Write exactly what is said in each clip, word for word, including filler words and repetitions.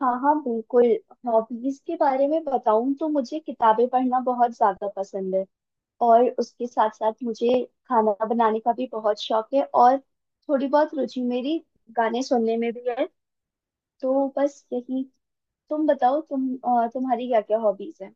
हाँ, हाँ, बिल्कुल। हॉबीज के बारे में बताऊं तो मुझे किताबें पढ़ना बहुत ज्यादा पसंद है। और उसके साथ साथ मुझे खाना बनाने का भी बहुत शौक है। और थोड़ी बहुत रुचि मेरी गाने सुनने में भी है। तो बस यही। तुम बताओ, तुम अ, तुम्हारी क्या क्या हॉबीज हैं?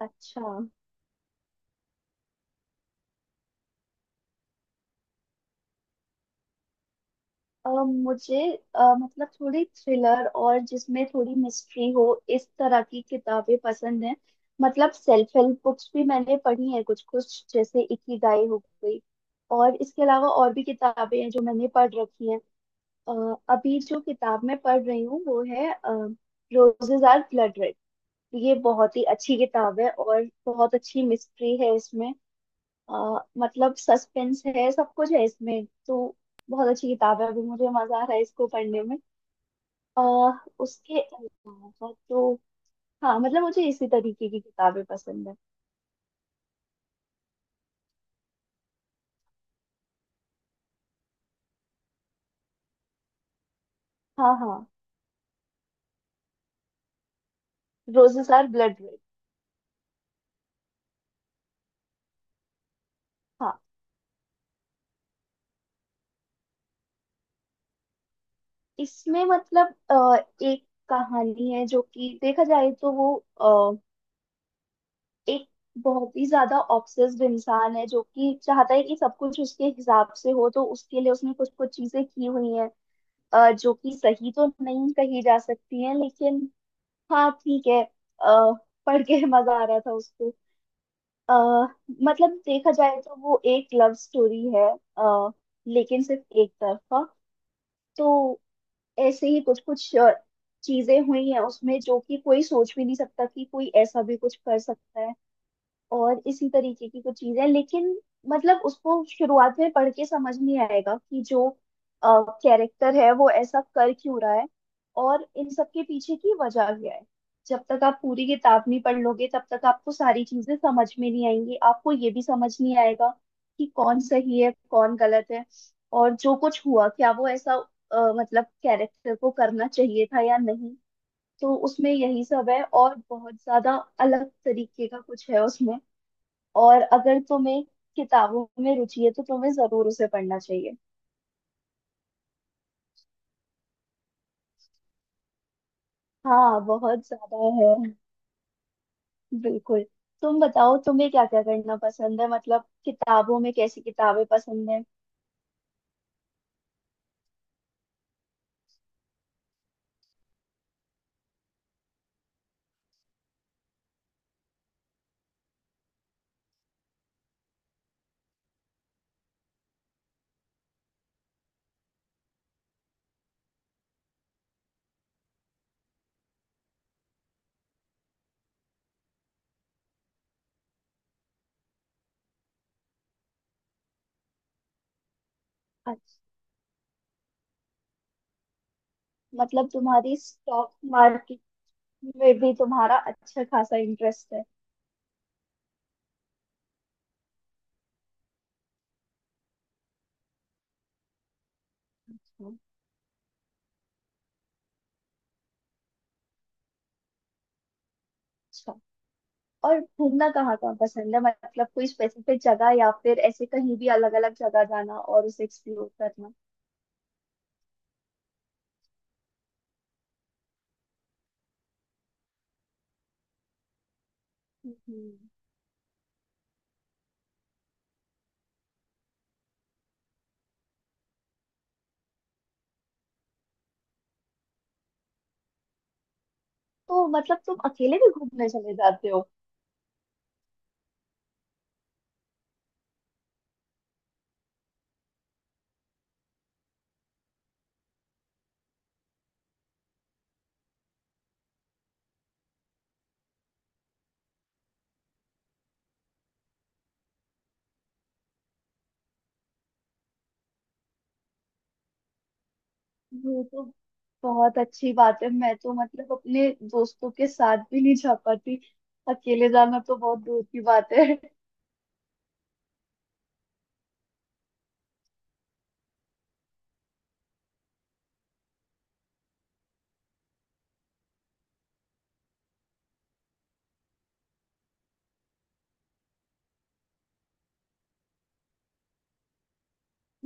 अच्छा। अ, मुझे अ, मतलब थोड़ी थ्रिलर और जिसमें थोड़ी मिस्ट्री हो, इस तरह की किताबें पसंद हैं। मतलब सेल्फ हेल्प बुक्स भी मैंने पढ़ी हैं, कुछ कुछ जैसे इकिगाई हो गई। और इसके अलावा और भी किताबें हैं जो मैंने पढ़ रखी हैं। अ, अभी जो किताब मैं पढ़ रही हूँ वो है रोजेज आर ब्लड रेड। ये बहुत ही अच्छी किताब है और बहुत अच्छी मिस्ट्री है इसमें। अ, मतलब सस्पेंस है, सब कुछ है इसमें। तो बहुत अच्छी किताब है, अभी मुझे मजा आ रहा है इसको पढ़ने में। आ, उसके अलावा तो हाँ, मतलब मुझे इसी तरीके की किताबें पसंद है। हाँ, हाँ। Roses are blood red. हाँ। इसमें मतलब अ, एक कहानी है, जो कि देखा जाए तो वो अ, एक बहुत ही ज्यादा ऑब्सेस्ड इंसान है, जो कि चाहता है कि सब कुछ उसके हिसाब से हो, तो उसके लिए उसने कुछ कुछ चीजें की हुई हैं। अ, जो कि सही तो नहीं कही जा सकती है, लेकिन हाँ ठीक है। अ, पढ़ के मजा आ रहा था उसको। अ, मतलब देखा जाए तो वो एक लव स्टोरी है, अ, लेकिन सिर्फ एक तरफा। तो ऐसे ही कुछ कुछ चीजें हुई हैं उसमें, जो कि कोई सोच भी नहीं सकता कि कोई ऐसा भी कुछ कर सकता है। और इसी तरीके की कुछ चीजें, लेकिन मतलब उसको शुरुआत में पढ़ के समझ नहीं आएगा कि जो कैरेक्टर है वो ऐसा कर क्यों रहा है, और इन सब के पीछे की वजह क्या है। जब तक आप पूरी किताब नहीं पढ़ लोगे तब तक आपको सारी चीजें समझ में नहीं आएंगी। आपको ये भी समझ नहीं आएगा कि कौन सही है, कौन गलत है, और जो कुछ हुआ क्या वो ऐसा अ, मतलब कैरेक्टर को करना चाहिए था या नहीं। तो उसमें यही सब है, और बहुत ज्यादा अलग तरीके का कुछ है उसमें। और अगर तुम्हें किताबों में रुचि है तो तुम्हें जरूर उसे पढ़ना चाहिए। हाँ, बहुत ज्यादा है, बिल्कुल। तुम बताओ तुम्हें क्या क्या करना पसंद है? मतलब किताबों में कैसी किताबें पसंद है? अच्छा। मतलब तुम्हारी स्टॉक मार्केट में भी तुम्हारा अच्छा खासा इंटरेस्ट है। अच्छा, अच्छा। और घूमना कहाँ कहाँ पसंद है? मतलब कोई स्पेसिफिक जगह, या फिर ऐसे कहीं भी अलग अलग जगह जाना और उसे एक्सप्लोर करना? हम्म। हम्म। तो मतलब तुम अकेले भी घूमने चले जाते हो? ये तो बहुत अच्छी बात है। मैं तो मतलब अपने दोस्तों के साथ भी नहीं जा पाती, अकेले जाना तो बहुत दूर की बात है।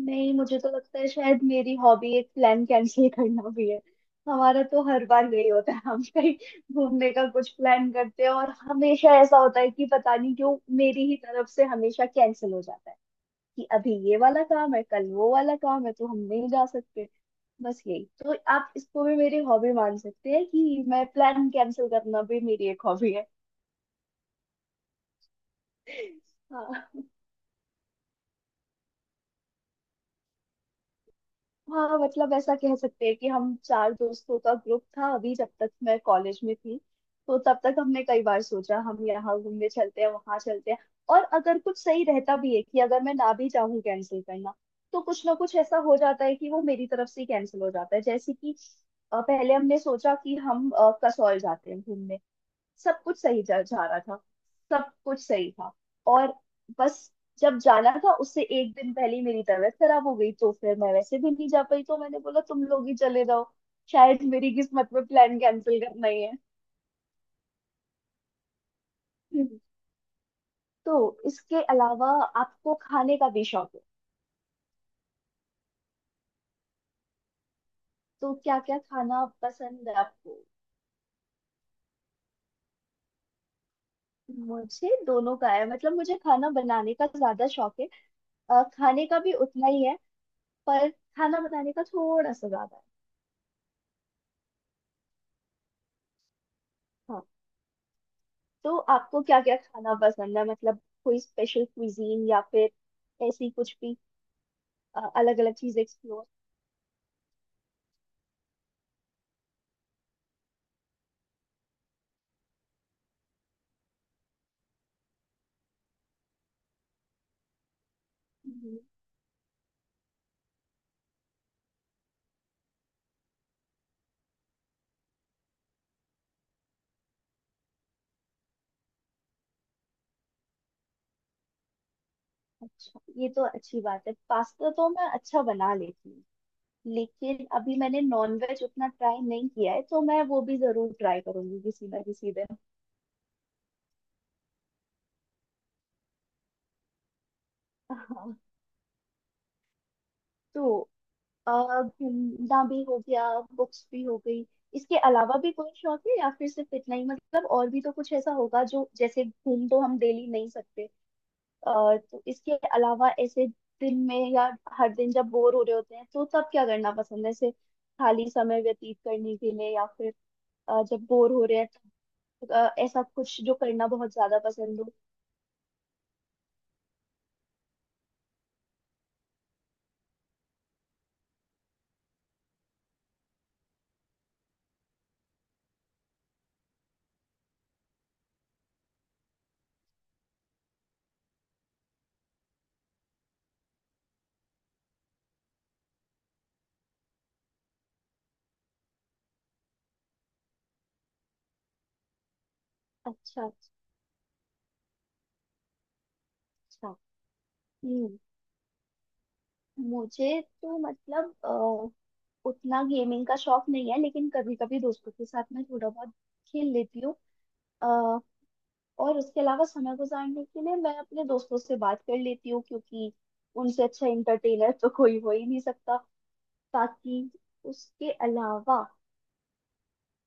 नहीं, मुझे तो लगता है शायद मेरी हॉबी एक प्लान कैंसिल करना भी है। हमारा तो हर बार यही होता है, हम कहीं घूमने का कुछ प्लान करते हैं और हमेशा ऐसा होता है कि पता नहीं क्यों मेरी ही तरफ से हमेशा कैंसिल हो जाता है। कि अभी ये वाला काम है, कल वो वाला काम है, तो हम नहीं जा सकते। बस यही, तो आप इसको भी मेरी हॉबी मान सकते हैं कि मैं प्लान कैंसिल करना भी मेरी एक हॉबी है। हाँ। हाँ, मतलब ऐसा कह सकते हैं कि हम चार दोस्तों का ग्रुप था, अभी जब तक मैं कॉलेज में थी तो तब तक हमने कई बार सोचा हम यहाँ घूमने चलते हैं, वहां चलते हैं। और अगर कुछ सही रहता भी है कि अगर मैं ना भी चाहूँ कैंसिल करना, तो कुछ ना कुछ ऐसा हो जाता है कि वो मेरी तरफ से कैंसिल हो जाता है। जैसे कि अ, पहले हमने सोचा कि हम अ, कसौल जाते हैं घूमने। सब कुछ सही जा जा रहा था। सब कुछ सही था, और बस, जब जाना था उससे एक दिन पहले ही मेरी तबीयत खराब हो गई, तो फिर मैं वैसे भी नहीं जा पाई, तो मैंने बोला तुम लोग ही चले जाओ। शायद मेरी किस्मत में प्लान कैंसिल करना ही है। हम्म। तो इसके अलावा आपको खाने का भी शौक है, तो क्या क्या खाना पसंद है आपको? मुझे दोनों का है, मतलब मुझे खाना बनाने का ज्यादा शौक है। अ, खाने का भी उतना ही है, पर खाना बनाने का थोड़ा सा ज्यादा है। हाँ। तो आपको क्या क्या खाना पसंद है? मतलब कोई स्पेशल क्विजीन, या फिर ऐसी कुछ भी, अलग अलग चीज एक्सप्लोर? अच्छा, ये तो अच्छी बात है। पास्ता तो मैं अच्छा बना लेती हूँ, लेकिन अभी मैंने नॉनवेज उतना ट्राई नहीं किया है, तो मैं वो भी जरूर ट्राई करूंगी किसी ना किसी दिन। हाँ। तो अ, घूमना भी हो गया, बुक्स भी हो गई, इसके अलावा भी कोई शौक है या फिर सिर्फ इतना ही? मतलब और भी तो कुछ ऐसा होगा जो, जैसे घूम तो हम डेली नहीं सकते। अ, तो इसके अलावा ऐसे दिन में, या हर दिन जब बोर हो रहे होते हैं तो तब क्या करना पसंद है, ऐसे खाली समय व्यतीत करने के लिए, या फिर अ, जब बोर हो रहे हैं तो अ, ऐसा कुछ जो करना बहुत ज्यादा पसंद हो? अच्छा, अच्छा। हम्म। मुझे तो मतलब अ, उतना गेमिंग का शौक नहीं है, लेकिन कभी कभी दोस्तों के साथ मैं थोड़ा बहुत खेल लेती हूँ। और उसके अलावा समय गुजारने के लिए मैं अपने दोस्तों से बात कर लेती हूँ, क्योंकि उनसे अच्छा इंटरटेनर तो कोई हो ही नहीं सकता। बाकी उसके अलावा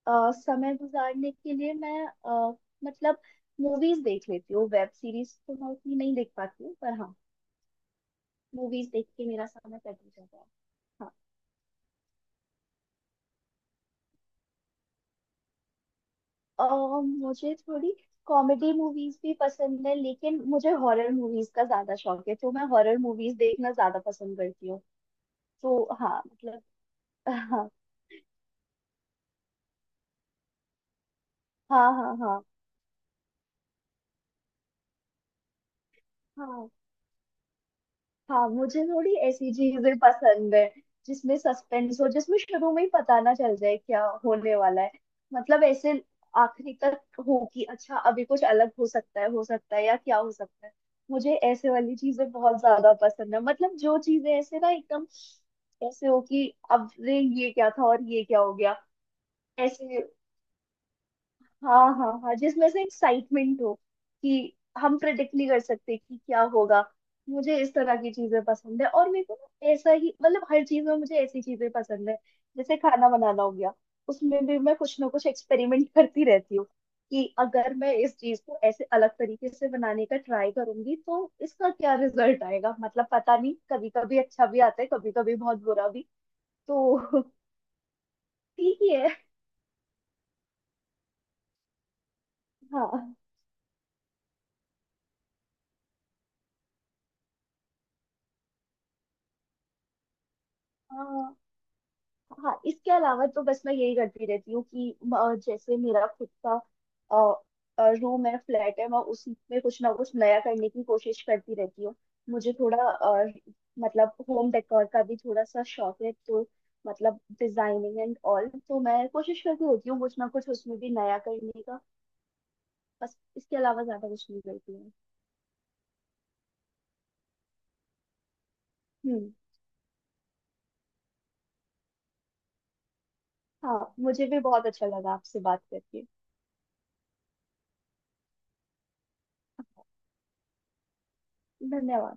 अ, समय गुजारने के लिए मैं अ, मतलब मूवीज देख लेती हूँ। वेब सीरीज तो मैं उतनी नहीं देख पाती हूँ, पर हाँ, मूवीज देख के मेरा समय कट ही जाता है। हाँ। अ, मुझे थोड़ी कॉमेडी मूवीज भी पसंद है, लेकिन मुझे हॉरर मूवीज का ज्यादा शौक है, तो मैं हॉरर मूवीज देखना ज्यादा पसंद करती हूँ। तो हाँ मतलब। हाँ, हाँ, हाँ, हाँ, हाँ। मुझे थोड़ी ऐसी चीजें पसंद है जिसमें सस्पेंस हो, जिसमें शुरू में ही पता ना चल जाए क्या होने वाला है। मतलब ऐसे आखिरी तक हो कि अच्छा अभी कुछ अलग हो सकता है, हो सकता है, या क्या हो सकता है। मुझे ऐसे वाली चीजें बहुत ज्यादा पसंद है, मतलब जो चीजें ऐसे ना एकदम ऐसे हो कि अब रे ये क्या था और ये क्या हो गया, ऐसे। हाँ, हाँ, हाँ, जिसमें से एक्साइटमेंट हो कि हम प्रेडिक्ट नहीं कर सकते कि क्या होगा। मुझे इस तरह की चीजें पसंद है, और मेरे को ना ऐसा ही मतलब हर चीज में मुझे ऐसी चीजें पसंद है। जैसे खाना बनाना हो गया, उसमें भी मैं कुछ ना कुछ एक्सपेरिमेंट करती रहती हूँ। कि अगर मैं इस चीज को ऐसे अलग तरीके से बनाने का ट्राई करूंगी तो इसका क्या रिजल्ट आएगा। मतलब पता नहीं, कभी कभी अच्छा भी आता है, कभी कभी बहुत बुरा भी। तो ठीक ही है। हाँ। हाँ, हाँ इसके अलावा तो बस मैं यही करती रहती हूँ कि अ, जैसे मेरा खुद का रूम है, फ्लैट है, मैं उसी में कुछ ना कुछ नया करने की कोशिश करती रहती हूँ। मुझे थोड़ा अ, मतलब होम डेकोर का भी थोड़ा सा शौक है, तो मतलब डिजाइनिंग एंड ऑल, तो मैं कोशिश करती रहती हूँ कुछ ना कुछ उसमें भी नया करने का। बस इसके अलावा ज्यादा कुछ नहीं करती हूँ। हम्म। हाँ, मुझे भी बहुत अच्छा लगा आपसे बात करके। धन्यवाद।